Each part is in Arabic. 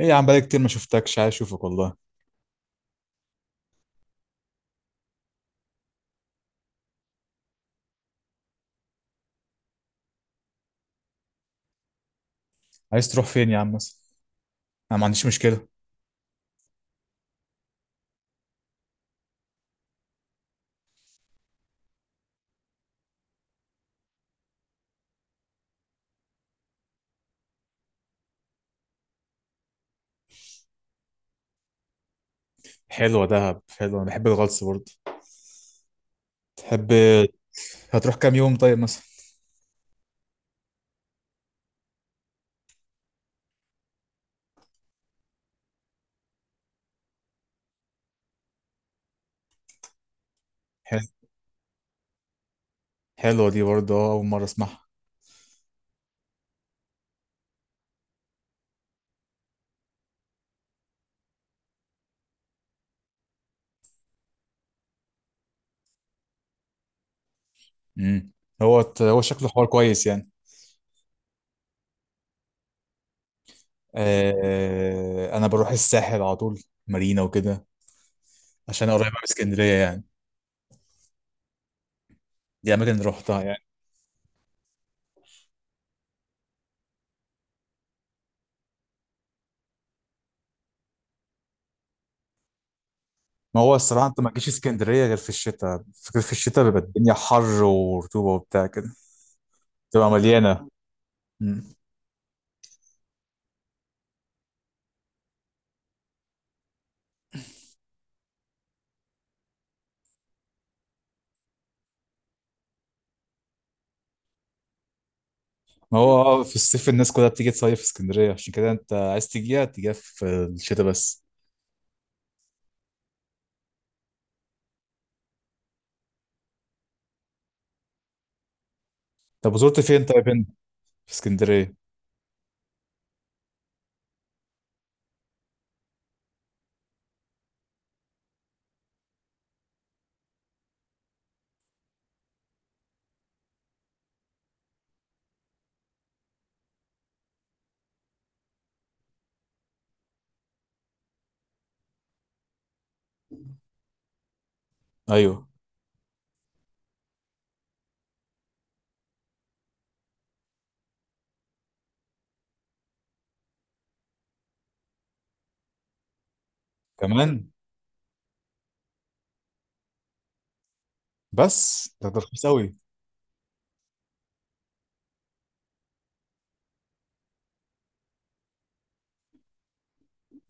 ايه يا عم، بقالي كتير ما شفتكش، عايز اشوفك والله. عايز تروح فين يا عم مثلا؟ انا ما عنديش مشكله. حلوه دهب، حلوه، انا بحب الغطس برضه. تحب؟ هتروح كام يوم طيب مثلا؟ حلو. حلوه دي برضه، اول مره اسمعها. امم. هو هو شكله حوار كويس يعني. آه، انا بروح الساحل على طول، مارينا وكده. عشان قريبه من اسكندريه يعني. دي اماكن اللي روحتها يعني. ما هو الصراحه انت ما تجيش اسكندريه غير في الشتاء، فكر في الشتاء بيبقى الدنيا حر ورطوبه وبتاع كده. تبقى مليانه. ما هو في الصيف الناس كلها بتيجي تصيف في اسكندرية، عشان كده انت عايز تجيها تجيها في الشتاء بس. طب وزرت فين طيب هنا؟ في اسكندرية؟ ايوه. كمان. بس ده رخيص قوي.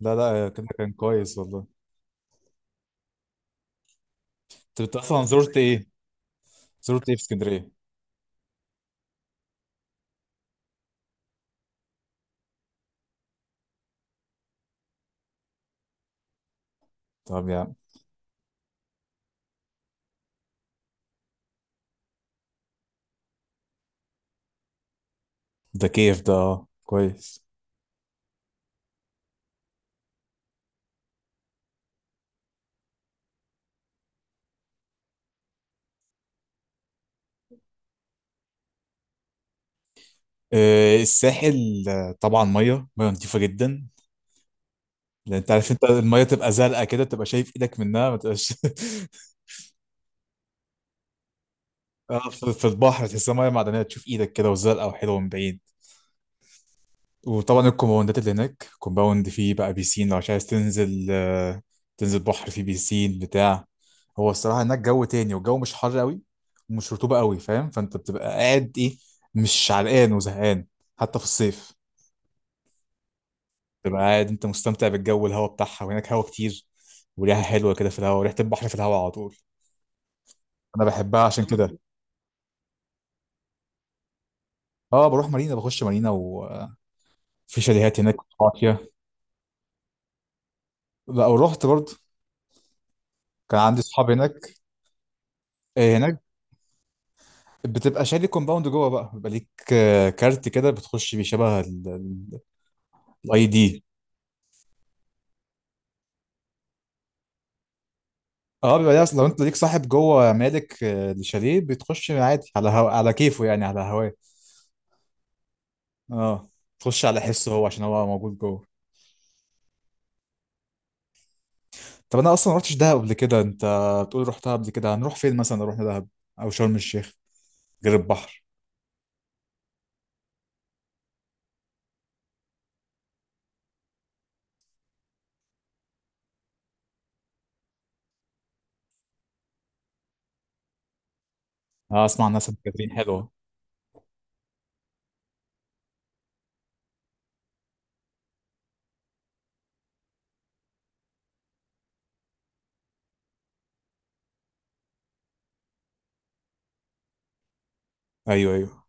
لا، لا، كده كان كويس والله. طب انت اصلا زرت ايه؟ زرت ايه في اسكندرية؟ طب يا عم، ده كيف، ده اه كويس. إيه الساحل؟ طبعا ميه ميه، نظيفة جدا. لان انت عارف انت الميه تبقى زرقاء كده، تبقى شايف ايدك منها ما تبقاش اه، في البحر تحسها ميه معدنيه، تشوف ايدك كده وزرقاء وحلوه من بعيد. وطبعا الكومباوندات اللي هناك كومباوند فيه بقى بيسين، لو مش عايز تنزل تنزل بحر فيه بيسين بتاع. هو الصراحة هناك جو تاني، والجو مش حر قوي، ومش رطوبة قوي، فاهم؟ فانت بتبقى قاعد، ايه، مش عرقان وزهقان، حتى في الصيف. تبقى قاعد انت مستمتع بالجو والهوا بتاعها، وهناك هوا كتير، وريحة حلوة كده في الهوا، وريحة البحر في الهوا على طول. انا بحبها عشان كده. اه، بروح مارينا، بخش مارينا، وفي شاليهات هناك بقعد فيها. لا، ورحت برضه. كان عندي صحاب هناك. هناك بتبقى شاري كومباوند جوه بقى، بيبقى ليك كارت كده بتخش بيه، شبه الاي دي. اه، بيبقى ليه أصل لو انت ليك صاحب جوه مالك الشاليه، بتخش عادي على كيفه يعني، على هواه. اه، تخش على حسه هو، عشان هو موجود جوه. طب انا اصلا ما رحتش دهب قبل كده، انت بتقول رحتها قبل كده. هنروح فين مثلا لو رحنا دهب او شرم الشيخ غير البحر؟ اه، اسمع عن ناس كاترين حلوه. ايوه، ايوه.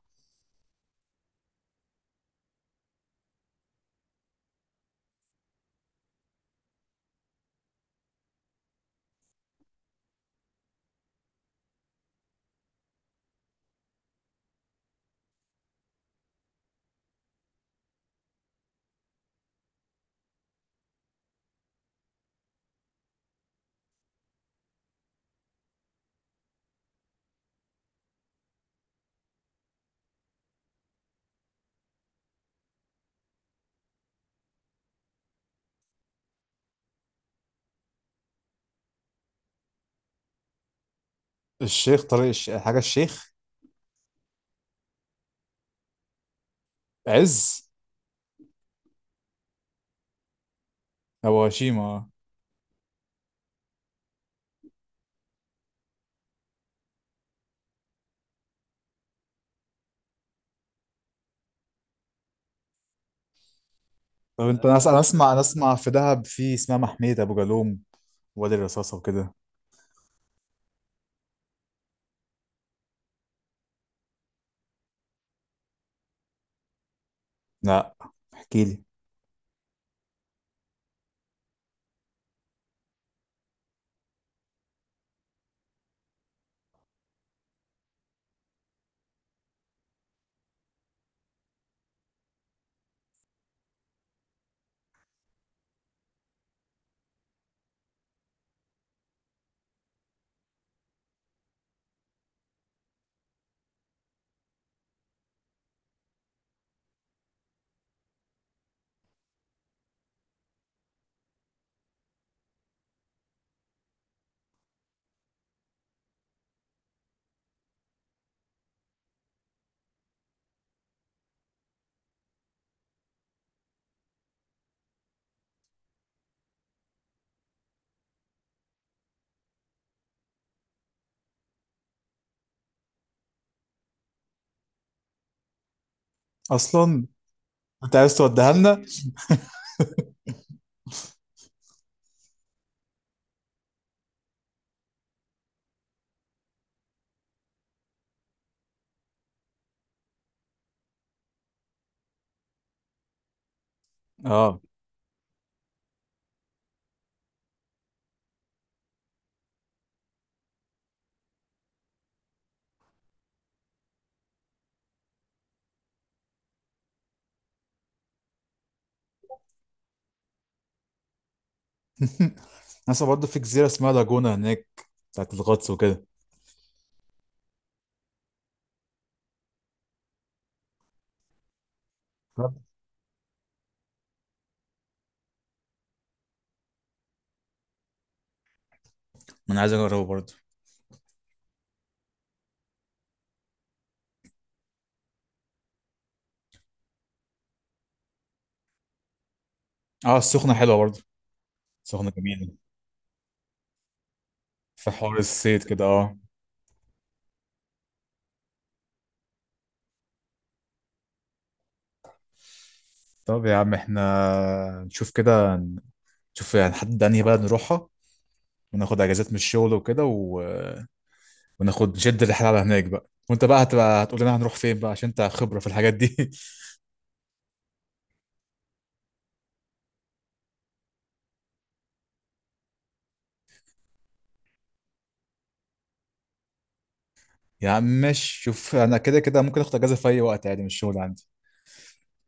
الشيخ طريق حاجه الشيخ. عز؟ او هشيمة، آه. طب انت، أنا اسمع في دهب في اسمها محمية ابو جالوم، وادي الرصاصة وكده. لا، احكي لي. اصلا انت عايز توديها لنا؟ اه ناس برضه في جزيرة اسمها لاجونا هناك بتاعت الغطس وكده. ما انا عايز اجربه برضه. اه، السخنة حلوة برضه، السخنة جميلة. في حوار الصيد كده، اه. طب يا عم احنا نشوف كده، نشوف يعني نحدد انهي بلد نروحها، وناخد اجازات من الشغل وكده و... وناخد نشد الرحله على هناك بقى، وانت بقى هتقول لنا هنروح فين بقى، عشان انت خبره في الحاجات دي يا عم ماشي، شوف انا كده كده ممكن اخد اجازه في اي وقت عادي من الشغل عندي.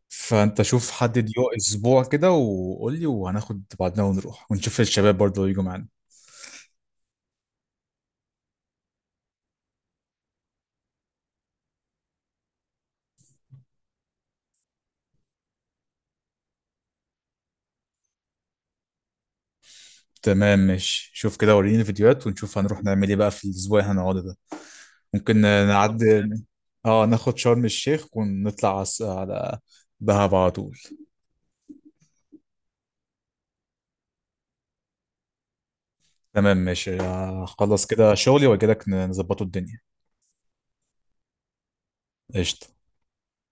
فانت شوف، حدد اسبوع كده وقول لي، وهناخد بعضنا ونروح، ونشوف الشباب برضه يجوا معانا. تمام ماشي، شوف كده وريني الفيديوهات ونشوف هنروح نعمل ايه بقى في الاسبوع اللي هنقعده ده. ممكن، طب نعدي. حلو. اه، ناخد شرم الشيخ ونطلع على دهب على طول. تمام ماشي، هخلص كده شغلي واجي لك نظبطه الدنيا. قشطة.